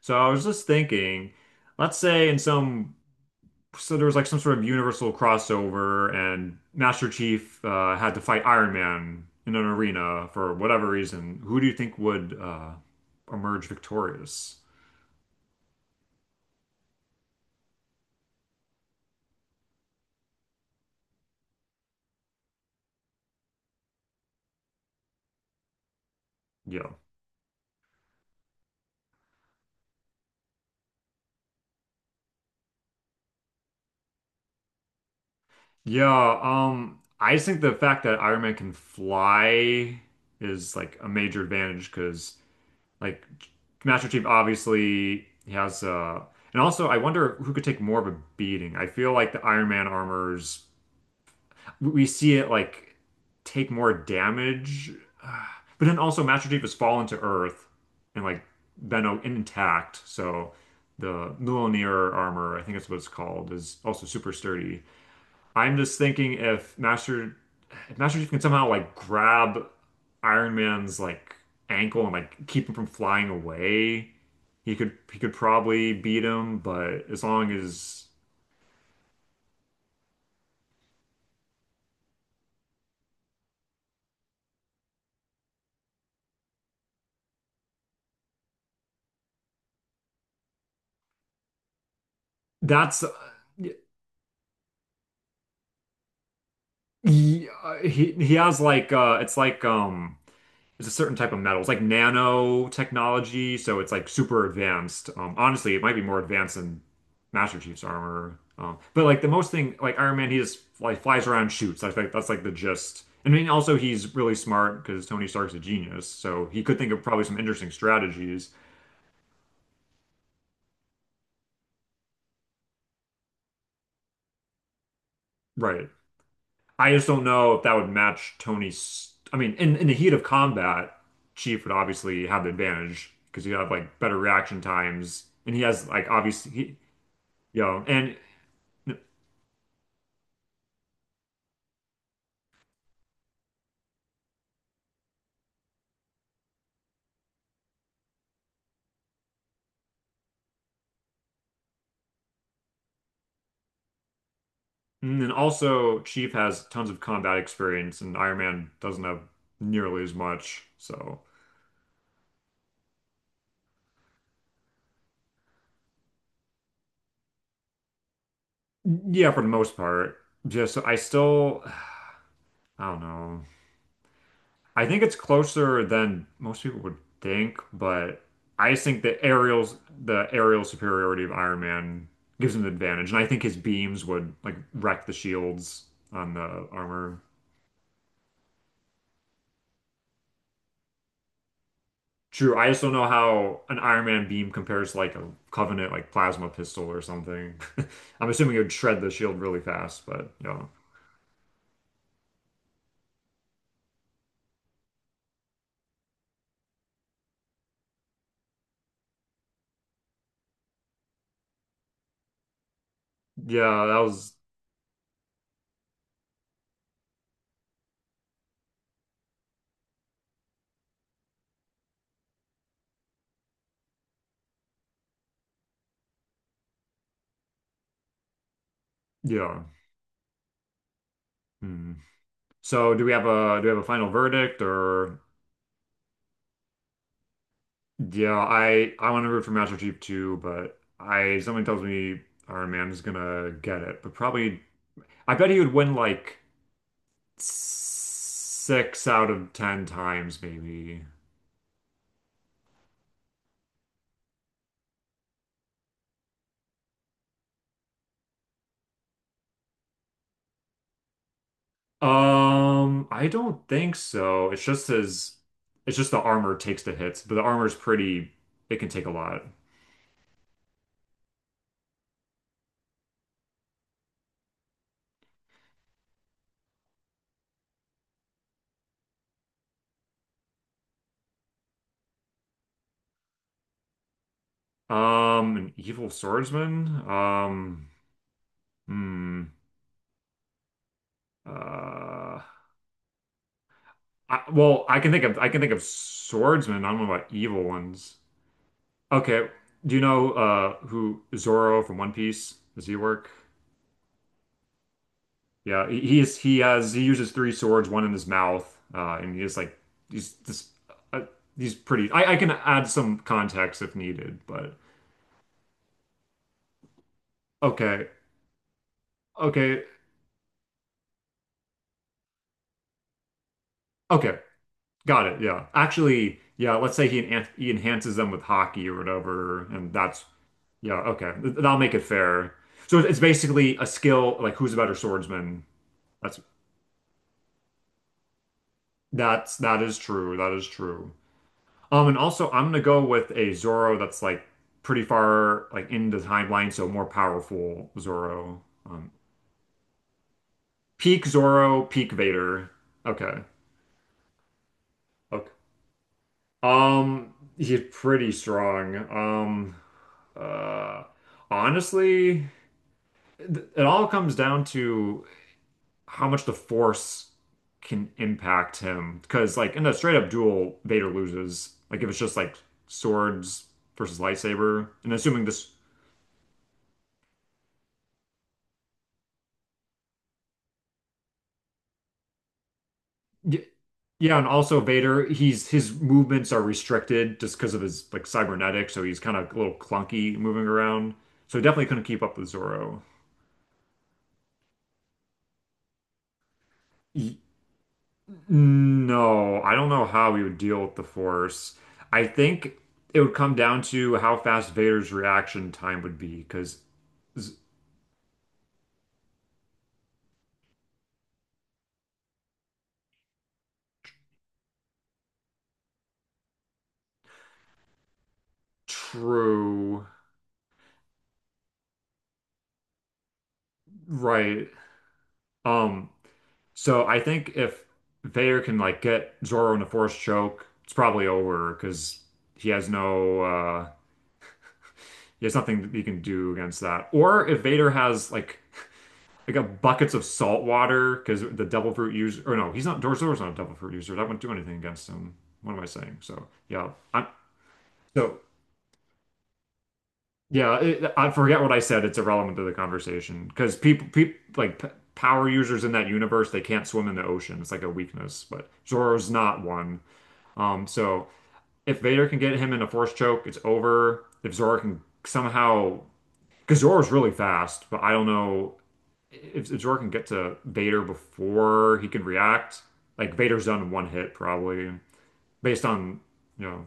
So I was just thinking, let's say in some, so there was like some sort of universal crossover, and Master Chief had to fight Iron Man in an arena for whatever reason. Who do you think would emerge victorious? Yeah. Yeah, I just think the fact that Iron Man can fly is like a major advantage because like Master Chief obviously he has and also I wonder who could take more of a beating. I feel like the Iron Man armor's we see it like take more damage. Uh, But then also Master Chief has fallen to Earth and like been intact. So the Mjolnir armor, I think that's what it's called, is also super sturdy. I'm just thinking if Master Chief can somehow like grab Iron Man's like ankle and like keep him from flying away, he could probably beat him, but as long as that's He, he has like it's like it's a certain type of metal. It's like nanotechnology, so it's like super advanced. Honestly, it might be more advanced than Master Chief's armor. But like the most thing like Iron Man he just like flies around shoots. I think that's like the gist. I mean also he's really smart because Tony Stark's a genius, so he could think of probably some interesting strategies. Right. I just don't know if that would match Tony's. I mean, in the heat of combat, Chief would obviously have the advantage because you have like better reaction times, and he has like obviously, he, you know, and then also Chief has tons of combat experience, and Iron Man doesn't have nearly as much. So yeah, for the most part, just I still I don't know. I think it's closer than most people would think, but I just think the aerial superiority of Iron Man gives him the advantage, and I think his beams would like wreck the shields on the armor. True, I just don't know how an Iron Man beam compares to like a Covenant like plasma pistol or something. I'm assuming it would shred the shield really fast, but yeah, yeah, that was yeah. Hmm. So do we have a do we have a final verdict or? Yeah, I want to root for Master Chief too, but I something tells me Iron Man is gonna get it. But probably, I bet he would win like six out of ten times, maybe. I don't think so. It's just his, it's just the armor takes the hits, but the armor's pretty, it can take a lot. An evil swordsman. Hmm. Uh, I, well, I can think of swordsmen. I don't know about evil ones. Okay. Do you know who Zoro from One Piece? Does he work? Yeah, he is he uses three swords, one in his mouth, and he is like he's this uh, he's pretty. I can add some context if needed, but okay, okay, okay, got it. Yeah, actually, yeah. Let's say he enhances them with hockey or whatever, and that's yeah, okay. That'll make it fair. So it's basically a skill like who's a better swordsman. That's that's that is true. That is true. And also I'm gonna go with a Zoro that's like pretty far like in the timeline, so more powerful Zoro. Um, peak Zoro, peak Vader. Okay. Okay. He's pretty strong. Uh, honestly, it all comes down to how much the Force can impact him. Because like in a straight up duel, Vader loses. Like if it's just like swords versus lightsaber, and assuming this Y- Yeah, and also Vader, he's his movements are restricted just because of his like cybernetics, so he's kind of a little clunky moving around. So he definitely couldn't keep up with Zorro. Y- No, I don't know how he would deal with the Force. I think it would come down to how fast Vader's reaction time would be, because true, right? Um, so I think if Vader can like get Zorro in a Force choke, it's probably over because he has no there's nothing that you can do against that. Or if Vader has like like a buckets of salt water because the devil fruit user or no, he's not Darth Vader's not a devil fruit user. That wouldn't do anything against him. What am I saying? So yeah, I'm so yeah. It, I forget what I said. It's irrelevant to the conversation because people like p power users in that universe they can't swim in the ocean. It's like a weakness, but Zoro's not one. So if Vader can get him in a force choke, it's over. If Zoro can somehow because Zoro's really fast, but I don't know if Zor can get to Vader before he can react, like Vader's done in one hit probably, based on you know.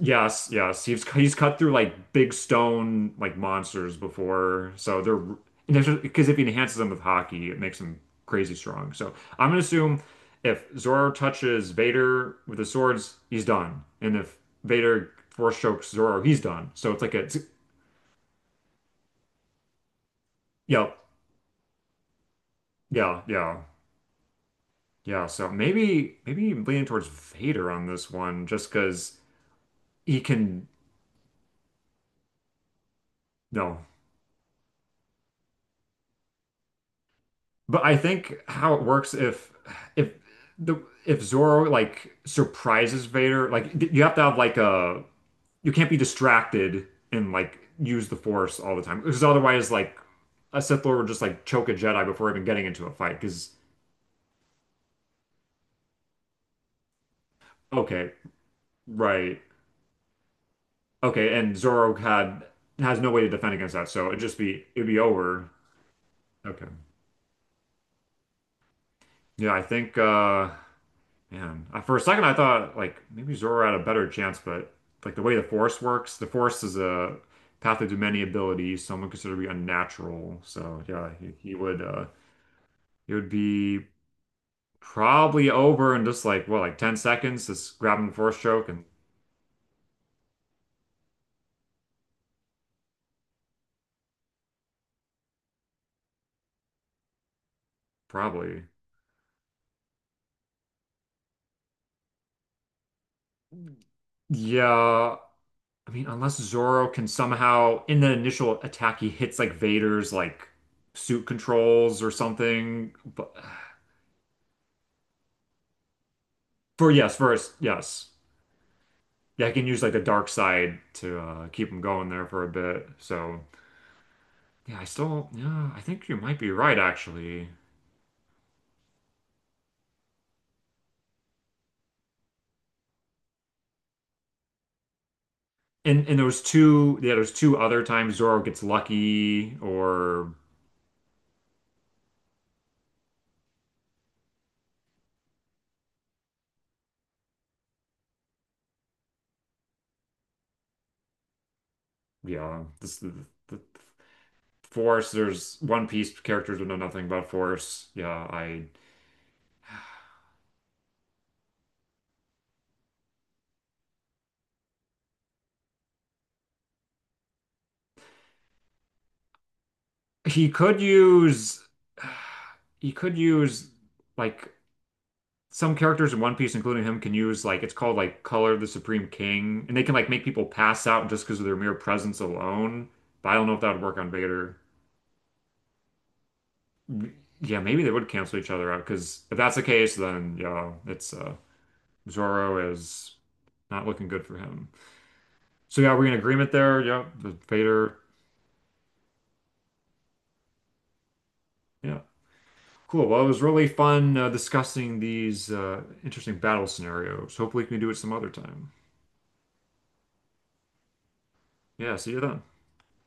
Yes, yes, he's cut through like big stone like monsters before, so they're because if he enhances them with hockey, it makes him crazy strong. So I'm gonna assume if Zoro touches Vader with his swords, he's done, and if Vader force chokes Zoro, he's done. So it's like yeah, yeah, yeah. Yeah, so maybe maybe leaning towards Vader on this one just because he can no. But I think how it works if the if Zorro like surprises Vader, like you have to have like a you can't be distracted and like use the Force all the time because otherwise like a Sith Lord would just like choke a Jedi before even getting into a fight because okay, right. Okay, and Zorro had has no way to defend against that, so it'd be over. Okay. Yeah, I think man, I, for a second I thought like maybe Zoro had a better chance, but like the way the Force works, the Force is a path of many abilities, someone considered to be unnatural. So yeah, he would be probably over in just like what, like 10 seconds, just grabbing the Force choke and probably. Yeah, I mean unless Zoro can somehow in the initial attack he hits like Vader's like suit controls or something. But for yes, first, yes. Yeah, I can use like the dark side to keep him going there for a bit. So yeah, I still yeah, I think you might be right actually. And those two yeah, there's two other times Zoro gets lucky or yeah, the Force. There's One Piece characters who know nothing about Force. Yeah, I he could use he could use like some characters in One Piece, including him, can use like it's called like Color of the Supreme King, and they can like make people pass out just because of their mere presence alone. But I don't know if that would work on Vader. Yeah, maybe they would cancel each other out because if that's the case, then yeah, it's Zoro is not looking good for him. So yeah, we're in agreement there. Yeah, the Vader. Yeah, cool. Well, it was really fun discussing these interesting battle scenarios. Hopefully, we can do it some other time. Yeah, see you then.